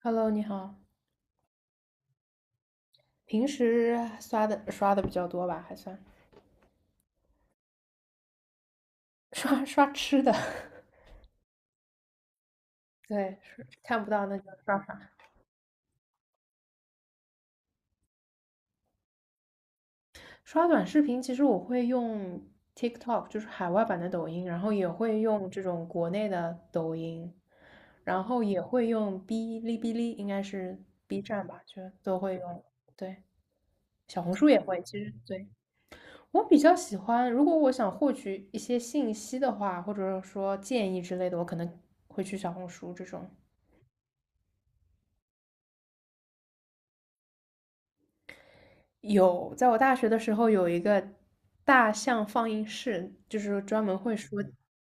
Hello，你好，平时刷的比较多吧，还算刷刷吃的，对，是看不到那就刷刷刷短视频。其实我会用 TikTok，就是海外版的抖音，然后也会用这种国内的抖音，然后也会用哔哩哔哩，应该是 B 站吧，就都会用。对，小红书也会。其实对我比较喜欢，如果我想获取一些信息的话，或者说建议之类的，我可能会去小红书这种。有，在我大学的时候有一个大象放映室，就是专门会说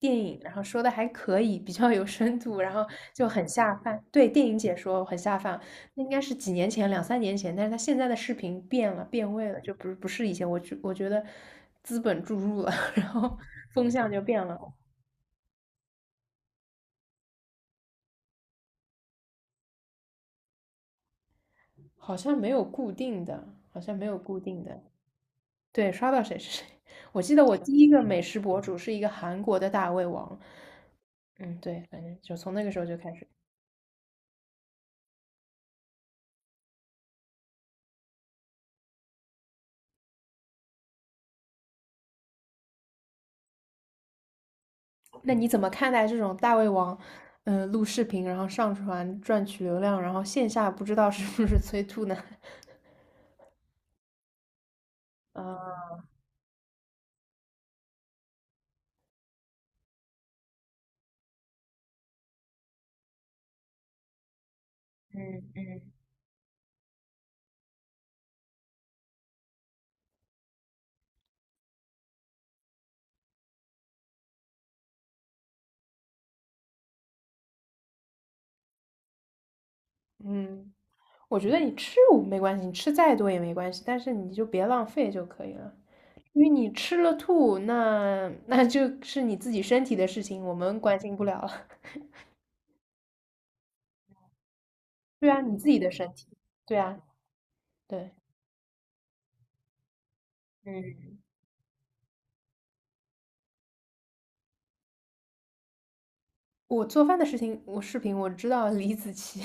电影，然后说的还可以，比较有深度，然后就很下饭。对，电影解说很下饭，那应该是几年前，两三年前，但是他现在的视频变了，变味了，就不是以前，我觉得资本注入了，然后风向就变了，好像没有固定的，好像没有固定的，对，刷到谁是谁。我记得我第一个美食博主是一个韩国的大胃王。嗯，对，反正就从那个时候就开始。那你怎么看待这种大胃王，录视频然后上传赚取流量，然后线下不知道是不是催吐呢？啊，嗯嗯嗯，我觉得你吃无没关系，你吃再多也没关系，但是你就别浪费就可以了。因为你吃了吐，那就是你自己身体的事情，我们关心不了了。对啊，你自己的身体。对啊，对，嗯，我做饭的事情，我视频我知道李子柒。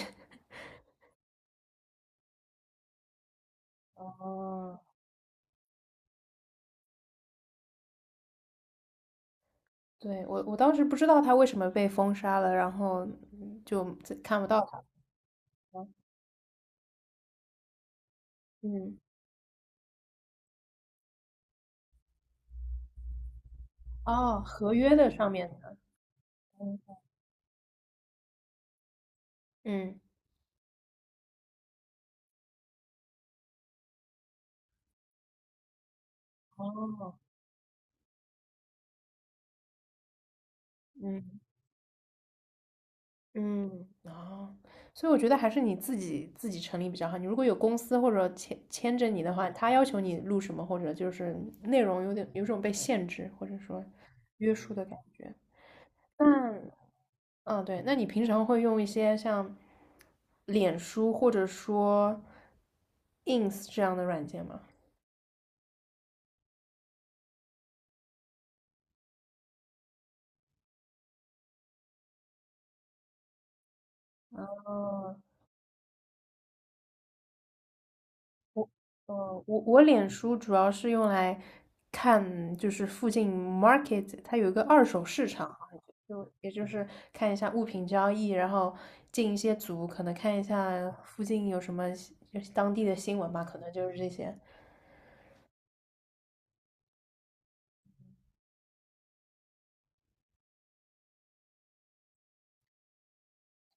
哦，对，我当时不知道他为什么被封杀了，然后就看不到他。嗯，哦，合约的上面的，嗯嗯，哦，嗯嗯，哦，所以我觉得还是你自己成立比较好。你如果有公司或者签着你的话，他要求你录什么，或者就是内容有种被限制，或者说约束的感觉。但嗯，对，那你平常会用一些像脸书或者说 Ins 这样的软件吗？嗯，我，我脸书主要是用来看，就是附近 market 它有一个二手市场啊，就也就是看一下物品交易，然后进一些组，可能看一下附近有什么就是当地的新闻吧，可能就是这些。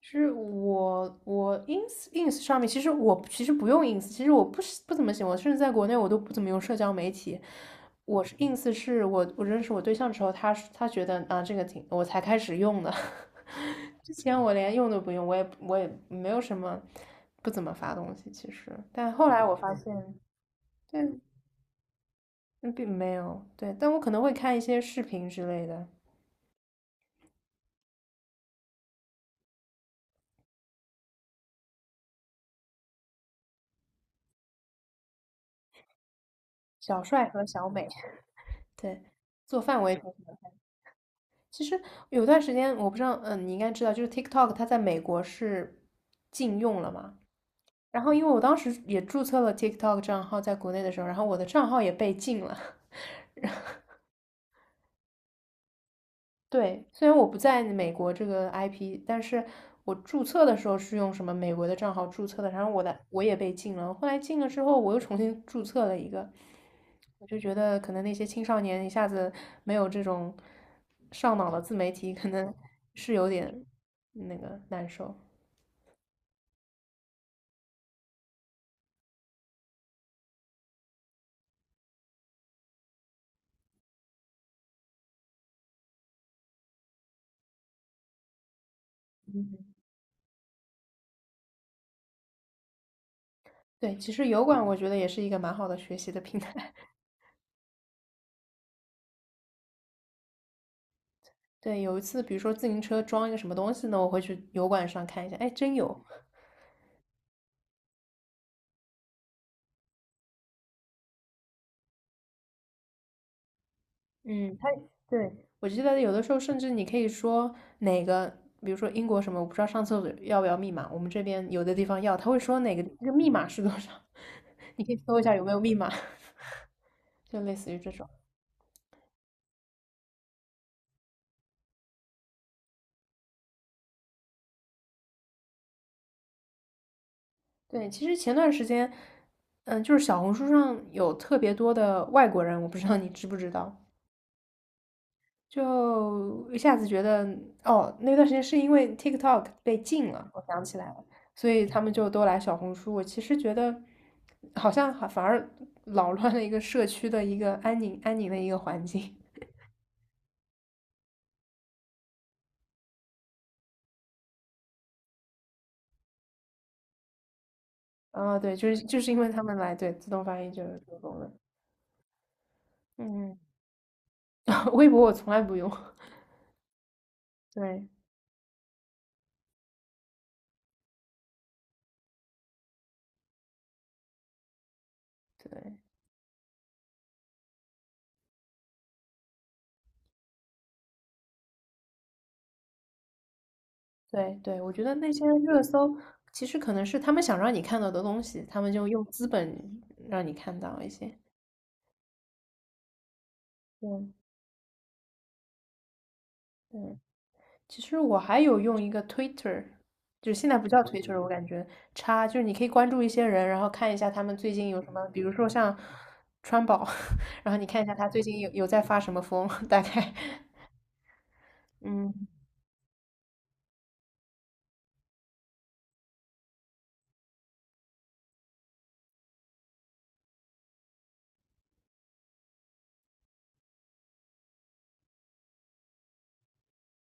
是我 ins 上面，其实我其实不用 ins，其实我不是不怎么喜欢，甚至在国内我都不怎么用社交媒体。我是 ins 是我认识我对象之后，他觉得啊这个挺，我才开始用的。之前我连用都不用，我也没有什么不怎么发东西，其实。但后来我发现，对，嗯并没有对，但我可能会看一些视频之类的，小帅和小美，对，做饭我也挺其实有段时间，我不知道，嗯，你应该知道，就是 TikTok 它在美国是禁用了嘛。然后因为我当时也注册了 TikTok 账号在国内的时候，然后我的账号也被禁了。对，虽然我不在美国这个 IP，但是我注册的时候是用什么美国的账号注册的，然后我也被禁了。后来禁了之后，我又重新注册了一个，我就觉得可能那些青少年一下子没有这种上脑的自媒体，可能是有点那个难受。对，其实油管我觉得也是一个蛮好的学习的平台。对，有一次比如说自行车装一个什么东西呢，我会去油管上看一下，哎，真有。嗯，它对，我记得有的时候甚至你可以说哪个，比如说英国什么，我不知道上厕所要不要密码，我们这边有的地方要，他会说哪个这个密码是多少，你可以搜一下有没有密码，就类似于这种。对，其实前段时间，嗯，就是小红书上有特别多的外国人，我不知道你知不知道。就一下子觉得，哦，那段时间是因为 TikTok 被禁了，我想起来了，所以他们就都来小红书。我其实觉得，好像还反而扰乱了一个社区的一个安宁的一个环境。啊，对，就是因为他们来，对，自动翻译就是成功的。嗯，微博我从来不用。对对对对，我觉得那些热搜其实可能是他们想让你看到的东西，他们就用资本让你看到一些。对。对其实我还有用一个 Twitter，就是现在不叫 Twitter，我感觉差，就是你可以关注一些人，然后看一下他们最近有什么，比如说像川宝，然后你看一下他最近有在发什么疯，大概嗯，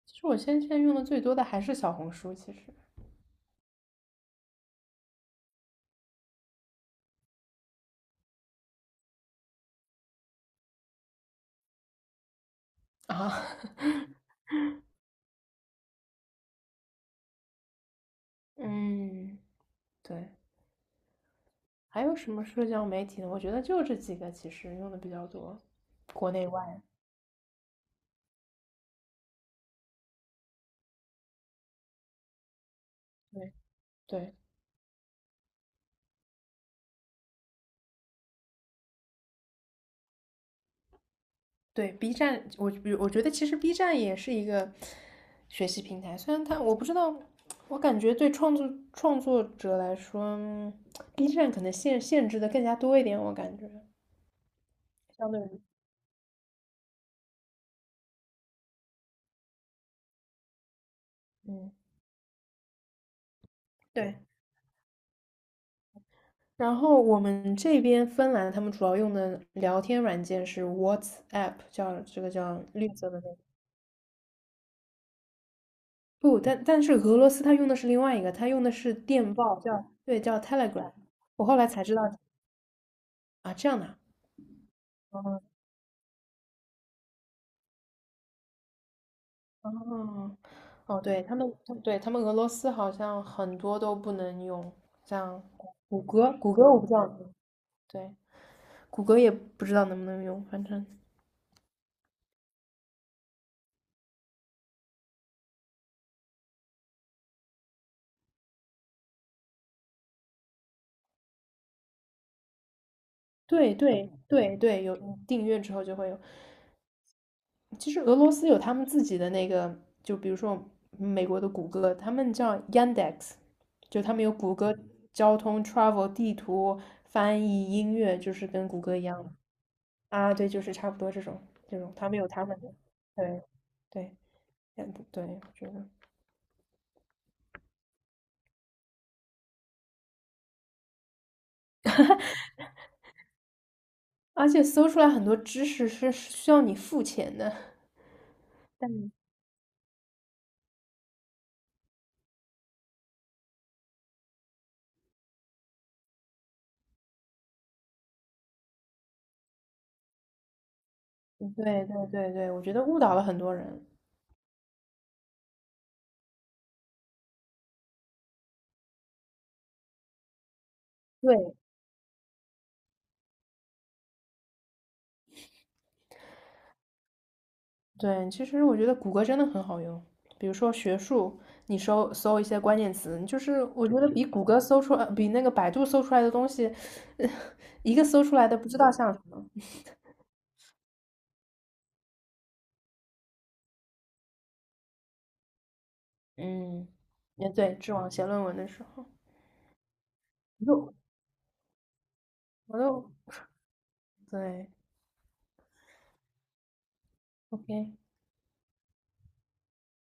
其实我现在用的最多的还是小红书，其实啊，嗯，对，还有什么社交媒体呢？我觉得就这几个，其实用的比较多，国内外，对对。对，B 站，我觉得其实 B 站也是一个学习平台，虽然它我不知道，我感觉对创作者来说b 站可能限制的更加多一点，我感觉相对于，嗯，对。然后我们这边芬兰他们主要用的聊天软件是 WhatsApp，叫这个叫绿色的那个。不，但是俄罗斯它用的是另外一个，它用的是电报，对，叫 Telegram。我后来才知道啊，这样的啊。哦，哦，对，他们，对，他们俄罗斯好像很多都不能用，像谷歌我不知道，对，谷歌也不知道能不能用，反正对对对对，有订阅之后就会有。其实俄罗斯有他们自己的那个，就比如说美国的谷歌，他们叫 Yandex，就他们有谷歌交通、travel 地图、翻译、音乐，就是跟谷歌一样的啊，对，就是差不多这种，他们有他们的，对。对，也不对，我觉得，而且搜出来很多知识是需要你付钱的，但对对对对，我觉得误导了很多人。对对，其实我觉得谷歌真的很好用，比如说学术，你搜搜一些关键词，就是我觉得比谷歌搜出来，比那个百度搜出来的东西，呃一个搜出来的不知道像什么。嗯，也对，知网写论文的时候，我都我都对，OK。